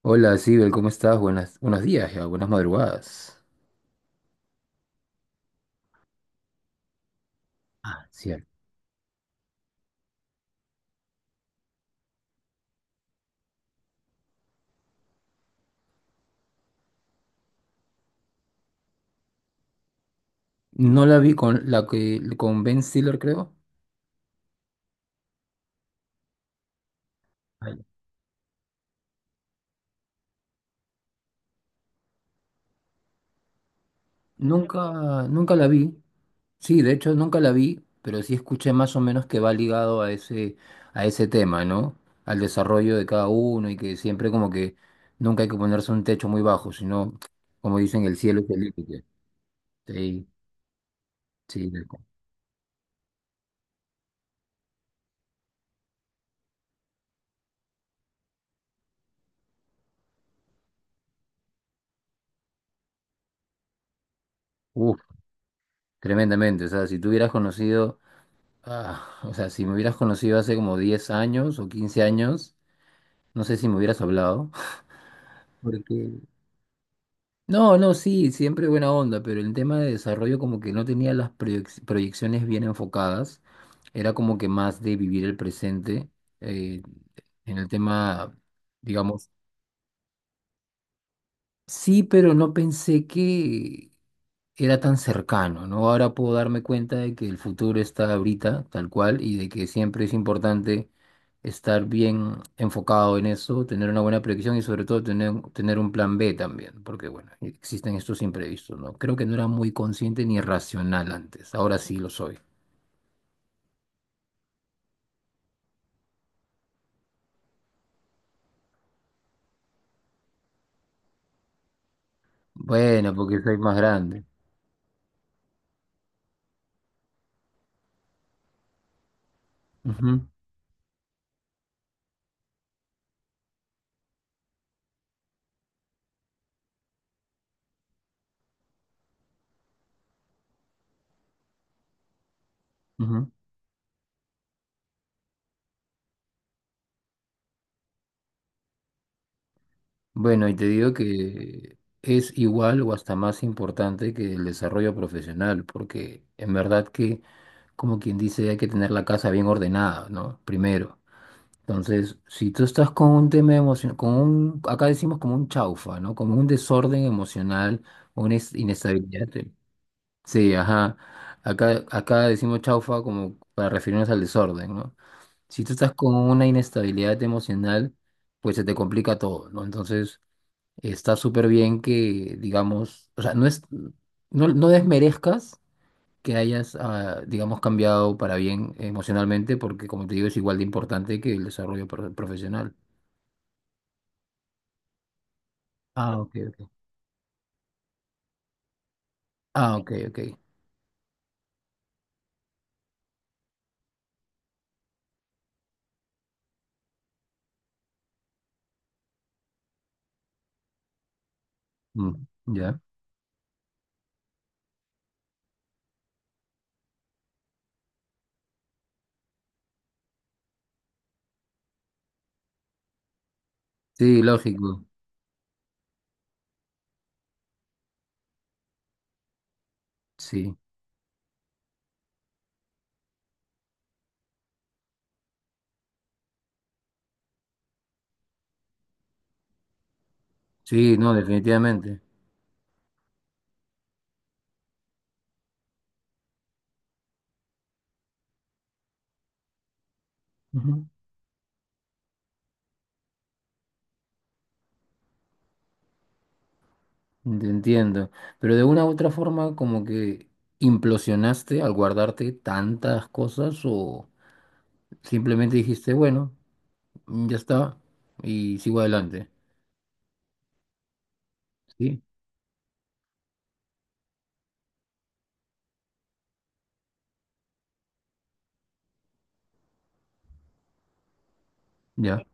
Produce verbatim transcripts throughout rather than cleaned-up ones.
Hola, Sibel, ¿cómo estás? Buenas, buenos días ya, buenas madrugadas. Ah, cierto. No la vi con la que con Ben Stiller, creo. Ay. Nunca, nunca la vi. Sí, de hecho nunca la vi, pero sí escuché más o menos que va ligado a ese, a ese tema, ¿no? Al desarrollo de cada uno y que siempre como que nunca hay que ponerse un techo muy bajo, sino, como dicen, el cielo es el límite. Sí, sí. de- Uf, tremendamente. O sea, si tú hubieras conocido. Ah, o sea, si me hubieras conocido hace como diez años o quince años, no sé si me hubieras hablado. Porque... No, no, sí, siempre buena onda, pero el tema de desarrollo como que no tenía las proyec- proyecciones bien enfocadas. Era como que más de vivir el presente. eh, en el tema, digamos, sí, pero no pensé que... era tan cercano, ¿no? Ahora puedo darme cuenta de que el futuro está ahorita, tal cual, y de que siempre es importante estar bien enfocado en eso, tener una buena predicción y sobre todo tener, tener un plan B también, porque bueno, existen estos imprevistos, ¿no? Creo que no era muy consciente ni racional antes, ahora sí lo soy. Bueno, porque soy más grande. Ujú, ujú. Bueno, y te digo que es igual o hasta más importante que el desarrollo profesional, porque en verdad que... como quien dice, hay que tener la casa bien ordenada, ¿no? Primero. Entonces, si tú estás con un tema emocional, con un, acá decimos como un chaufa, ¿no? Como un desorden emocional, una ins- inestabilidad. eh, Sí, ajá. Acá, acá decimos chaufa como para referirnos al desorden, ¿no? Si tú estás con una inestabilidad emocional, pues se te complica todo, ¿no? Entonces, está súper bien que, digamos, o sea, no es, no, no desmerezcas que hayas, ah, digamos, cambiado para bien emocionalmente, porque como te digo, es igual de importante que el desarrollo pro- profesional. Ah, ok, ok. Ah, ok, ok. Mm, ya. Sí, lógico. Sí. Sí, no, definitivamente. Ujú. Te entiendo. Pero de una u otra forma, como que implosionaste al guardarte tantas cosas o simplemente dijiste, bueno, mm, ya está y sigo adelante. Sí, ya.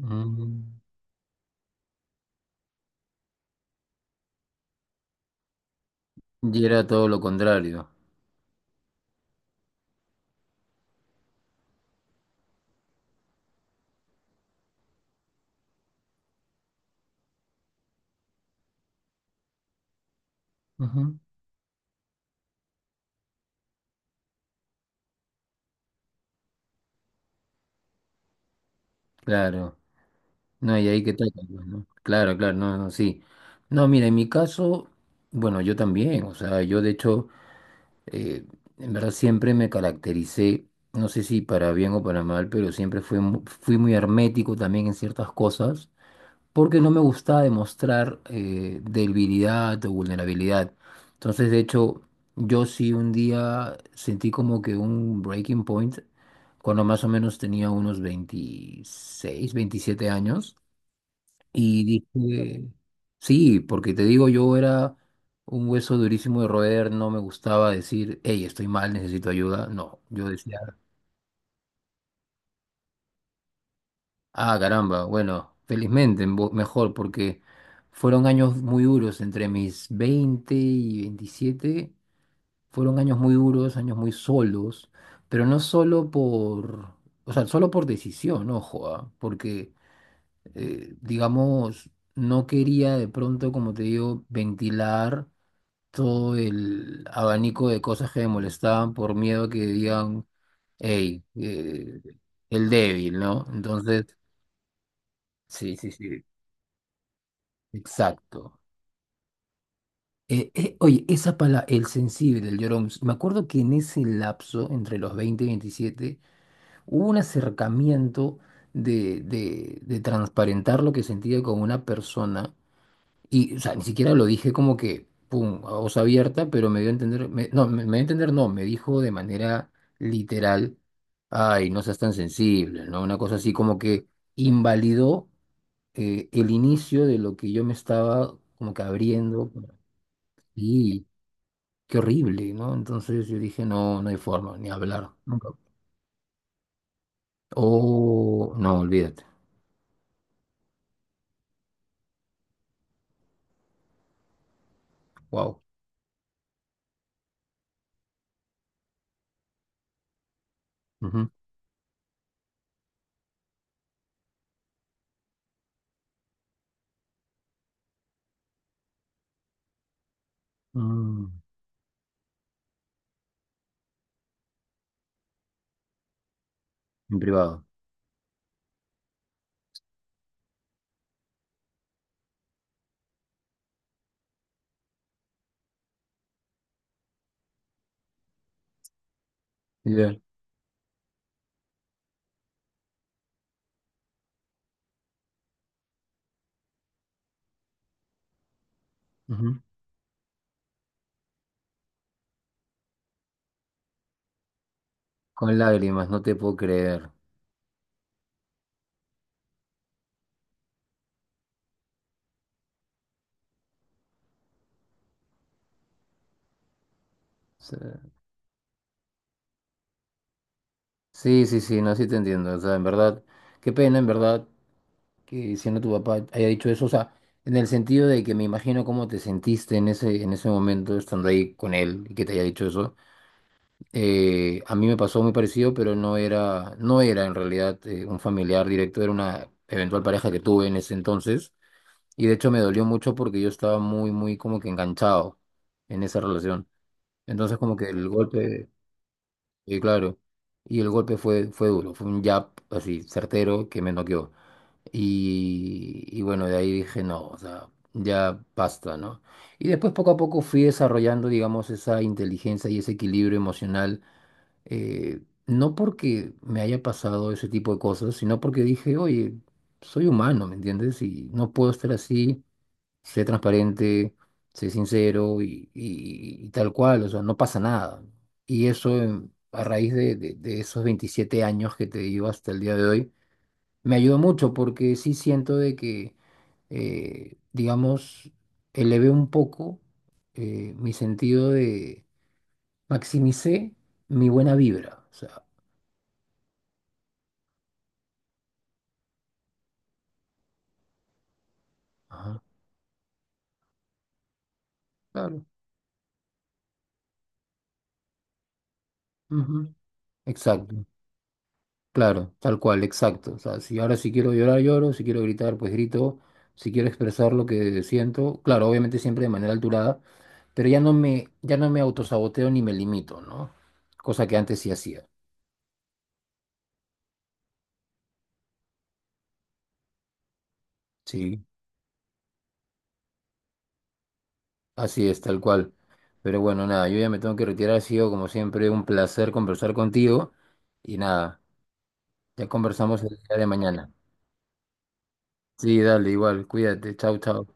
Mm. Y era todo lo contrario. Claro, no, y ahí que toca, pues, ¿no? Claro, claro, no, no, sí. No, mira, en mi caso, bueno, yo también, o sea, yo de hecho, eh, en verdad siempre me caractericé, no sé si para bien o para mal, pero siempre fui, mu- fui muy hermético también en ciertas cosas, porque no me gustaba demostrar eh, debilidad o vulnerabilidad. Entonces, de hecho, yo sí un día sentí como que un breaking point, cuando más o menos tenía unos veintiséis, veintisiete años. Y dije, sí, porque te digo, yo era un hueso durísimo de roer, no me gustaba decir, hey, estoy mal, necesito ayuda. No, yo decía, ah, caramba, bueno, felizmente, mo- mejor, porque fueron años muy duros entre mis veinte y veintisiete, fueron años muy duros, años muy solos, pero no solo por, o sea, solo por decisión, ojo. ah, Porque, eh, digamos, no quería de pronto, como te digo, ventilar todo el abanico de cosas que me molestaban por miedo a que digan, hey, eh, el débil, ¿no? Entonces, sí, sí, sí, exacto. Eh, eh, oye, esa palabra, el sensible, el llorón, me acuerdo que en ese lapso, entre los veinte y veintisiete hubo un acercamiento de, de, de transparentar lo que sentía con una persona. Y, o sea, ni siquiera lo dije como que, pum, a voz abierta, pero me dio a entender, me- no, me, me dio a entender, no, me dijo de manera literal, ay, no seas tan sensible, ¿no? Una cosa así como que invalidó eh, el inicio de lo que yo me estaba como que abriendo. Y qué horrible, ¿no? Entonces yo dije, no, no hay forma, ni hablar, nunca. Oh, no, olvídate. Wow. Ujú. Mm, en privado. Ya. Ujú. Con lágrimas, no te puedo creer. Sí. Sí, sí, sí, no, sí te entiendo. O sea, en verdad, qué pena, en verdad, que siendo tu papá haya dicho eso. O sea, en el sentido de que me imagino cómo te sentiste en ese, en ese momento estando ahí con él y que te haya dicho eso. Eh, a mí me pasó muy parecido, pero no era, no era en realidad eh, un familiar directo, era una eventual pareja que tuve en ese entonces. Y de hecho me dolió mucho porque yo estaba muy, muy como que enganchado en esa relación. Entonces como que el golpe... Sí, claro. Y el golpe fue, fue duro, fue un jab así certero que me noqueó. Y, y bueno, de ahí dije, no, o sea, ya basta, ¿no? Y después poco a poco fui desarrollando, digamos, esa inteligencia y ese equilibrio emocional, eh, no porque me haya pasado ese tipo de cosas, sino porque dije, oye, soy humano, ¿me entiendes? Y no puedo estar así, sé transparente, sé sincero y, y- y tal cual, o sea, no pasa nada. Y eso em, a raíz de, de- de esos veintisiete años que te digo hasta el día de hoy, me ayudó mucho porque sí siento de que, eh, digamos, elevé un poco eh, mi sentido de, maximicé mi buena vibra, o sea, ajá, claro, ujú, exacto. Claro, tal cual, exacto. O sea, si ahora si quiero llorar, lloro, si quiero gritar, pues grito, si quiero expresar lo que siento, claro, obviamente siempre de manera alturada, pero ya no me, ya no me autosaboteo ni me limito, ¿no? Cosa que antes sí hacía. Sí. Así es, tal cual. Pero bueno, nada, yo ya me tengo que retirar. Ha sido, como siempre, un placer conversar contigo. Y nada, ya conversamos el día de mañana. Sí, dale, igual, cuídate, chau, chau.